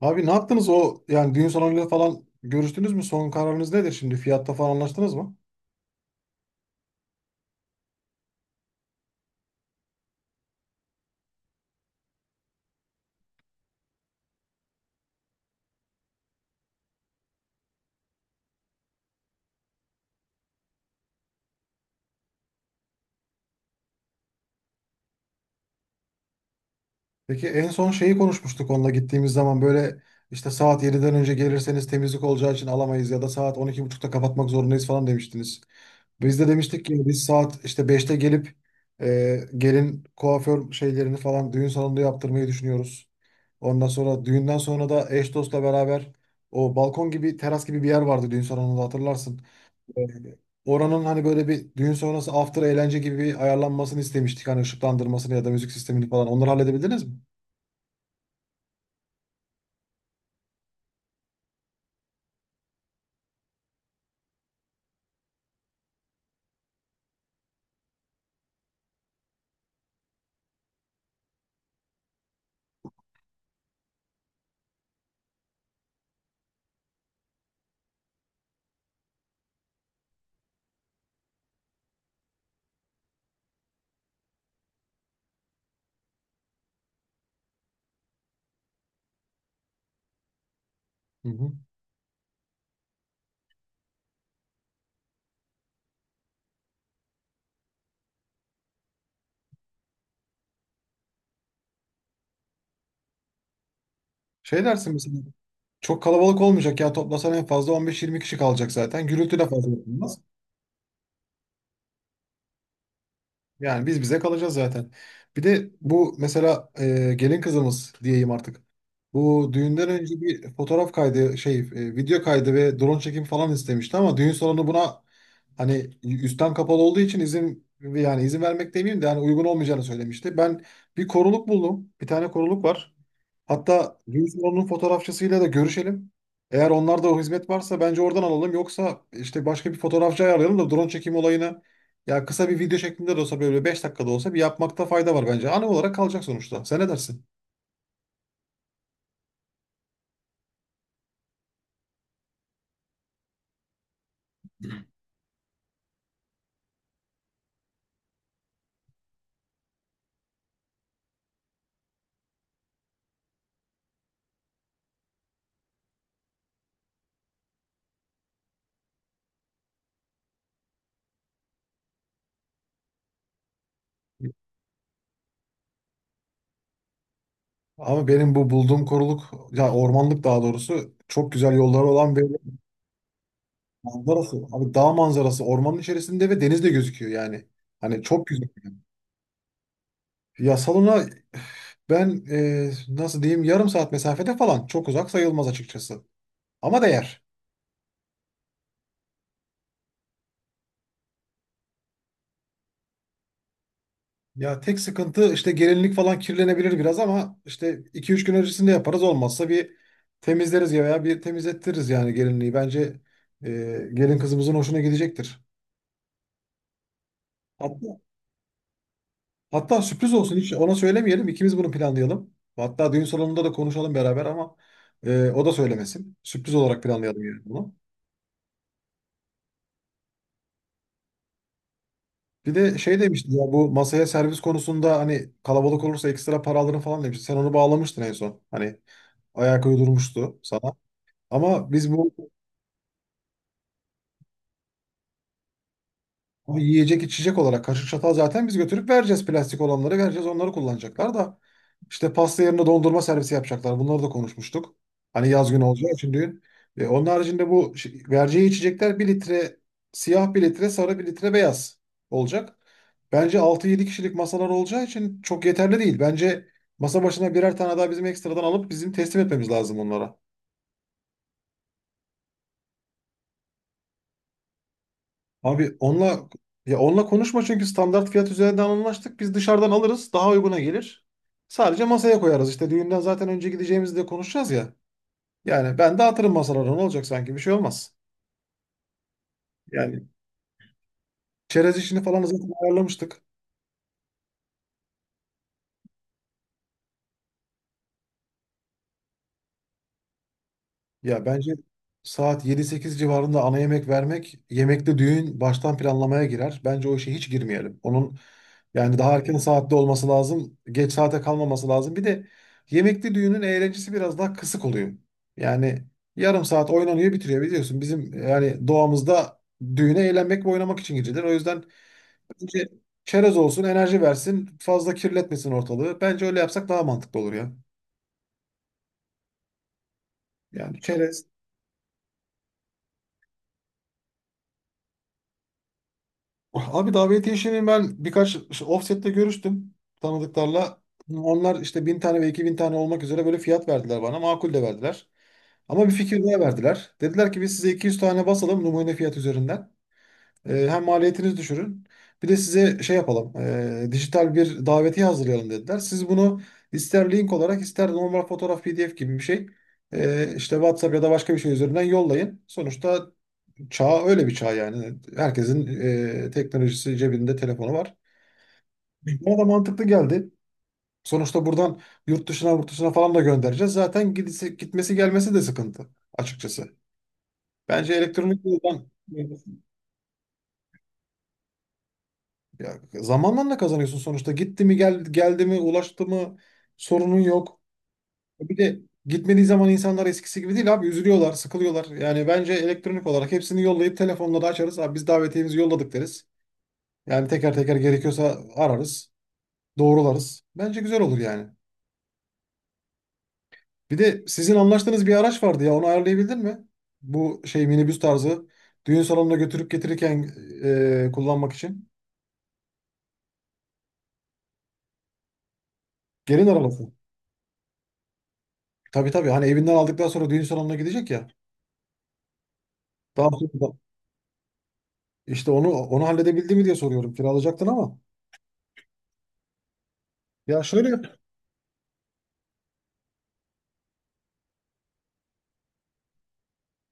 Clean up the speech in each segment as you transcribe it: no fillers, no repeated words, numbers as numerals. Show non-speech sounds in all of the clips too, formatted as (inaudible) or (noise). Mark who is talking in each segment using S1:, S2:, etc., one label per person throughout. S1: Abi ne yaptınız o yani düğün salonuyla falan görüştünüz mü? Son kararınız nedir şimdi? Fiyatta falan anlaştınız mı? Peki en son şeyi konuşmuştuk onunla gittiğimiz zaman böyle işte saat 7'den önce gelirseniz temizlik olacağı için alamayız ya da saat on iki buçukta kapatmak zorundayız falan demiştiniz. Biz de demiştik ki biz saat işte beşte gelip gelin kuaför şeylerini falan düğün salonunda yaptırmayı düşünüyoruz. Ondan sonra düğünden sonra da eş dostla beraber o balkon gibi teras gibi bir yer vardı düğün salonunda hatırlarsın. Yani Oranın hani böyle bir düğün sonrası after eğlence gibi bir ayarlanmasını istemiştik. Hani ışıklandırmasını ya da müzik sistemini falan. Onları halledebildiniz mi? Hı hı. Şey dersin mesela çok kalabalık olmayacak ya, toplasan en fazla 15-20 kişi kalacak zaten. Gürültü de fazla olmaz. Yani biz bize kalacağız zaten. Bir de bu mesela gelin kızımız diyeyim artık. Bu düğünden önce bir fotoğraf kaydı, video kaydı ve drone çekim falan istemişti ama düğün salonu buna hani üstten kapalı olduğu için izin, yani izin vermek demeyeyim de yani uygun olmayacağını söylemişti. Ben bir koruluk buldum. Bir tane koruluk var. Hatta düğün salonunun fotoğrafçısıyla da görüşelim. Eğer onlarda o hizmet varsa bence oradan alalım. Yoksa işte başka bir fotoğrafçı ayarlayalım da drone çekim olayını, ya kısa bir video şeklinde de olsa böyle 5 dakikada olsa bir yapmakta fayda var bence. Anı olarak kalacak sonuçta. Sen ne dersin? Ama benim bu bulduğum koruluk ya ormanlık daha doğrusu çok güzel yolları olan bir manzarası. Abi dağ manzarası, ormanın içerisinde ve deniz de gözüküyor yani. Hani çok güzel. Ya salona ben, nasıl diyeyim, yarım saat mesafede falan, çok uzak sayılmaz açıkçası. Ama değer. Ya tek sıkıntı işte gelinlik falan kirlenebilir biraz ama işte iki üç gün öncesinde yaparız olmazsa, bir temizleriz ya veya bir temizlettiririz yani gelinliği. Bence e, gelin kızımızın hoşuna gidecektir. Hatta Hatta sürpriz olsun, hiç ona söylemeyelim. İkimiz bunu planlayalım. Hatta düğün salonunda da konuşalım beraber ama o da söylemesin. Sürpriz olarak planlayalım yani bunu. Bir de şey demiştin ya, bu masaya servis konusunda hani kalabalık olursa ekstra para alırım falan demişti. Sen onu bağlamıştın en son. Hani ayak uydurmuştu sana. Ama biz bu Ama yiyecek içecek olarak kaşık çatal zaten biz götürüp vereceğiz. Plastik olanları vereceğiz. Onları kullanacaklar da. İşte pasta yerine dondurma servisi yapacaklar. Bunları da konuşmuştuk. Hani yaz günü olacağı için düğün. E, onun haricinde bu vereceği içecekler bir litre siyah, bir litre sarı, bir litre beyaz olacak. Bence altı yedi kişilik masalar olacağı için çok yeterli değil. Bence masa başına birer tane daha bizim ekstradan alıp bizim teslim etmemiz lazım onlara. Abi onunla konuşma çünkü standart fiyat üzerinden anlaştık. Biz dışarıdan alırız, daha uyguna gelir. Sadece masaya koyarız. İşte düğünden zaten önce gideceğimizi de konuşacağız ya. Yani ben de dağıtırım masalara, ne olacak sanki, bir şey olmaz. Yani çerez işini falan zaten ayarlamıştık. Ya bence saat yedi sekiz civarında ana yemek vermek, yemekte düğün baştan planlamaya girer. Bence o işe hiç girmeyelim. Onun yani daha erken saatte olması lazım. Geç saate kalmaması lazım. Bir de yemekli düğünün eğlencesi biraz daha kısık oluyor. Yani yarım saat oynanıyor bitiriyor biliyorsun. Bizim yani doğamızda düğüne eğlenmek ve oynamak için girilir. O yüzden bence çerez olsun, enerji versin, fazla kirletmesin ortalığı. Bence öyle yapsak daha mantıklı olur ya. Yani çerez Abi davetiye işini ben birkaç offset'te görüştüm tanıdıklarla. Onlar işte bin tane ve iki bin tane olmak üzere böyle fiyat verdiler bana. Makul de verdiler. Ama bir fikir daha verdiler. Dediler ki biz size 200 tane basalım numune fiyat üzerinden. Hem maliyetiniz düşürün. Bir de size şey yapalım. Dijital bir davetiye hazırlayalım dediler. Siz bunu ister link olarak ister normal fotoğraf PDF gibi bir şey, işte WhatsApp ya da başka bir şey üzerinden yollayın. Sonuçta çağ öyle bir çağ yani. Herkesin teknolojisi, cebinde telefonu var. Bana da mantıklı geldi. Sonuçta buradan yurt dışına falan da göndereceğiz. Zaten gidisi, gitmesi gelmesi de sıkıntı açıkçası. Bence elektronik yoldan, ya, zamanla da kazanıyorsun sonuçta. Gitti mi gel, geldi mi, ulaştı mı, sorunun yok. Bir de gitmediği zaman insanlar eskisi gibi değil abi, üzülüyorlar, sıkılıyorlar. Yani bence elektronik olarak hepsini yollayıp telefonla da açarız. Abi biz davetiyemizi yolladık deriz. Yani teker teker gerekiyorsa ararız. Doğrularız. Bence güzel olur yani. Bir de sizin anlaştığınız bir araç vardı ya, onu ayarlayabildin mi? Bu şey minibüs tarzı düğün salonuna götürüp getirirken kullanmak için. Gelin arabası. Tabii tabii, hani evinden aldıktan sonra düğün salonuna gidecek ya. Daha sonra işte onu halledebildi mi diye soruyorum. Kiralayacaktın ama. Ya şöyle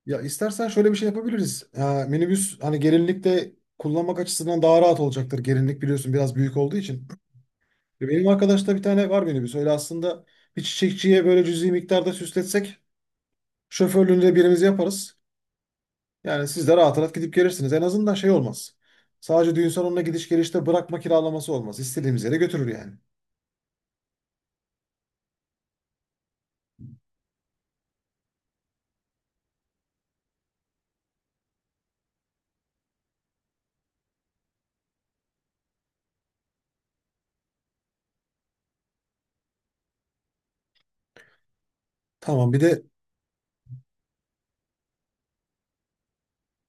S1: ya istersen şöyle bir şey yapabiliriz. Ha, minibüs hani gelinlikte kullanmak açısından daha rahat olacaktır. Gelinlik biliyorsun biraz büyük olduğu için. E, benim arkadaşta bir tane var minibüs. Öyle aslında bir çiçekçiye böyle cüzi miktarda süsletsek, şoförlüğünü de birimiz yaparız. Yani siz de rahat rahat gidip gelirsiniz. En azından şey olmaz. Sadece düğün salonuna gidiş gelişte bırakma kiralaması olmaz. İstediğimiz yere götürür yani. Tamam bir de.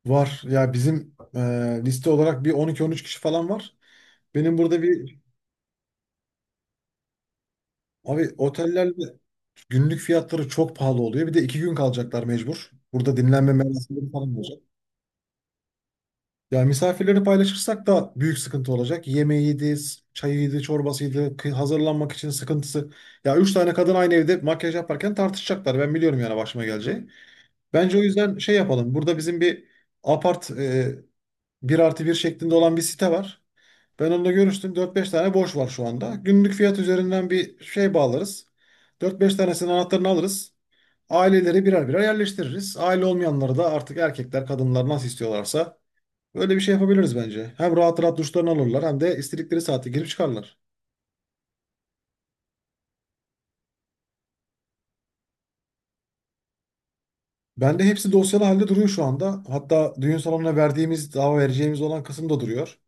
S1: Var. Ya bizim liste olarak bir on iki on üç kişi falan var. Benim burada bir abi, otellerde günlük fiyatları çok pahalı oluyor. Bir de iki gün kalacaklar mecbur. Burada dinlenme merasimleri falan olacak. Ya misafirleri paylaşırsak da büyük sıkıntı olacak. Yemeğiydi, çayıydı, çorbasıydı, hazırlanmak için sıkıntısı. Ya üç tane kadın aynı evde makyaj yaparken tartışacaklar. Ben biliyorum yani başıma geleceği. Bence o yüzden şey yapalım. Burada bizim bir apart, 1 artı bir şeklinde olan bir site var. Ben onunla görüştüm. Dört beş tane boş var şu anda. Günlük fiyat üzerinden bir şey bağlarız. Dört beş tanesinin anahtarını alırız. Aileleri birer birer yerleştiririz. Aile olmayanları da artık erkekler, kadınlar nasıl istiyorlarsa, böyle bir şey yapabiliriz bence. Hem rahat rahat duşlarını alırlar hem de istedikleri saate girip çıkarlar. Bende hepsi dosyalı halde duruyor şu anda. Hatta düğün salonuna verdiğimiz, daha vereceğimiz olan kısım da duruyor.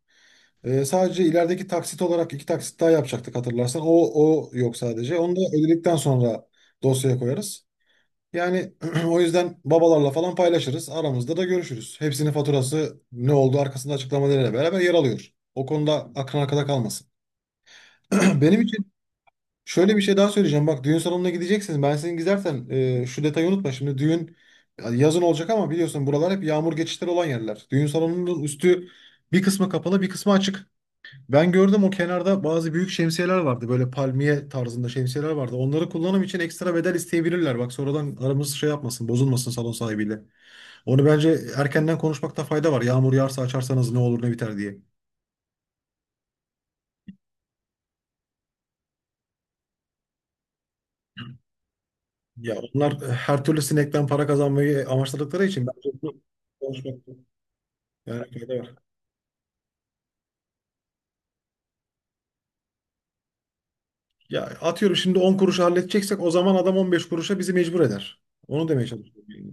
S1: Sadece ilerideki taksit olarak iki taksit daha yapacaktık hatırlarsan. O yok sadece. Onu da ödedikten sonra dosyaya koyarız. Yani (clears throat) o yüzden babalarla falan paylaşırız. Aramızda da görüşürüz. Hepsinin faturası ne oldu arkasında açıklamalarıyla beraber yer alıyor. O konuda aklın arkada kalmasın. (clears throat) Benim için şöyle bir şey daha söyleyeceğim. Bak, düğün salonuna gideceksiniz. Ben sizin, gidersen şu detayı unutma. Şimdi düğün yazın olacak ama biliyorsun buralar hep yağmur geçişleri olan yerler. Düğün salonunun üstü, bir kısmı kapalı bir kısmı açık. Ben gördüm, o kenarda bazı büyük şemsiyeler vardı. Böyle palmiye tarzında şemsiyeler vardı. Onları kullanım için ekstra bedel isteyebilirler. Bak sonradan aramız şey yapmasın, bozulmasın salon sahibiyle. Onu bence erkenden konuşmakta fayda var. Yağmur yağarsa açarsanız ne olur ne biter diye. Ya onlar her türlü sinekten para kazanmayı amaçladıkları için bence bunu konuşmakta yani fayda var. Ya atıyorum şimdi 10 kuruşa halledeceksek o zaman adam 15 kuruşa bizi mecbur eder. Onu demeye çalışıyorum yani.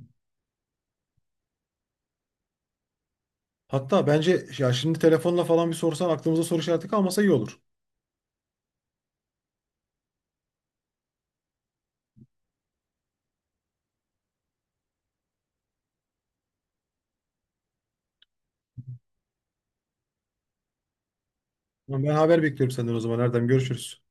S1: Hatta bence ya şimdi telefonla falan bir sorsan, aklımızda soru işareti kalmasa iyi olur. Tamam, ben haber bekliyorum senden o zaman Erdem. Görüşürüz.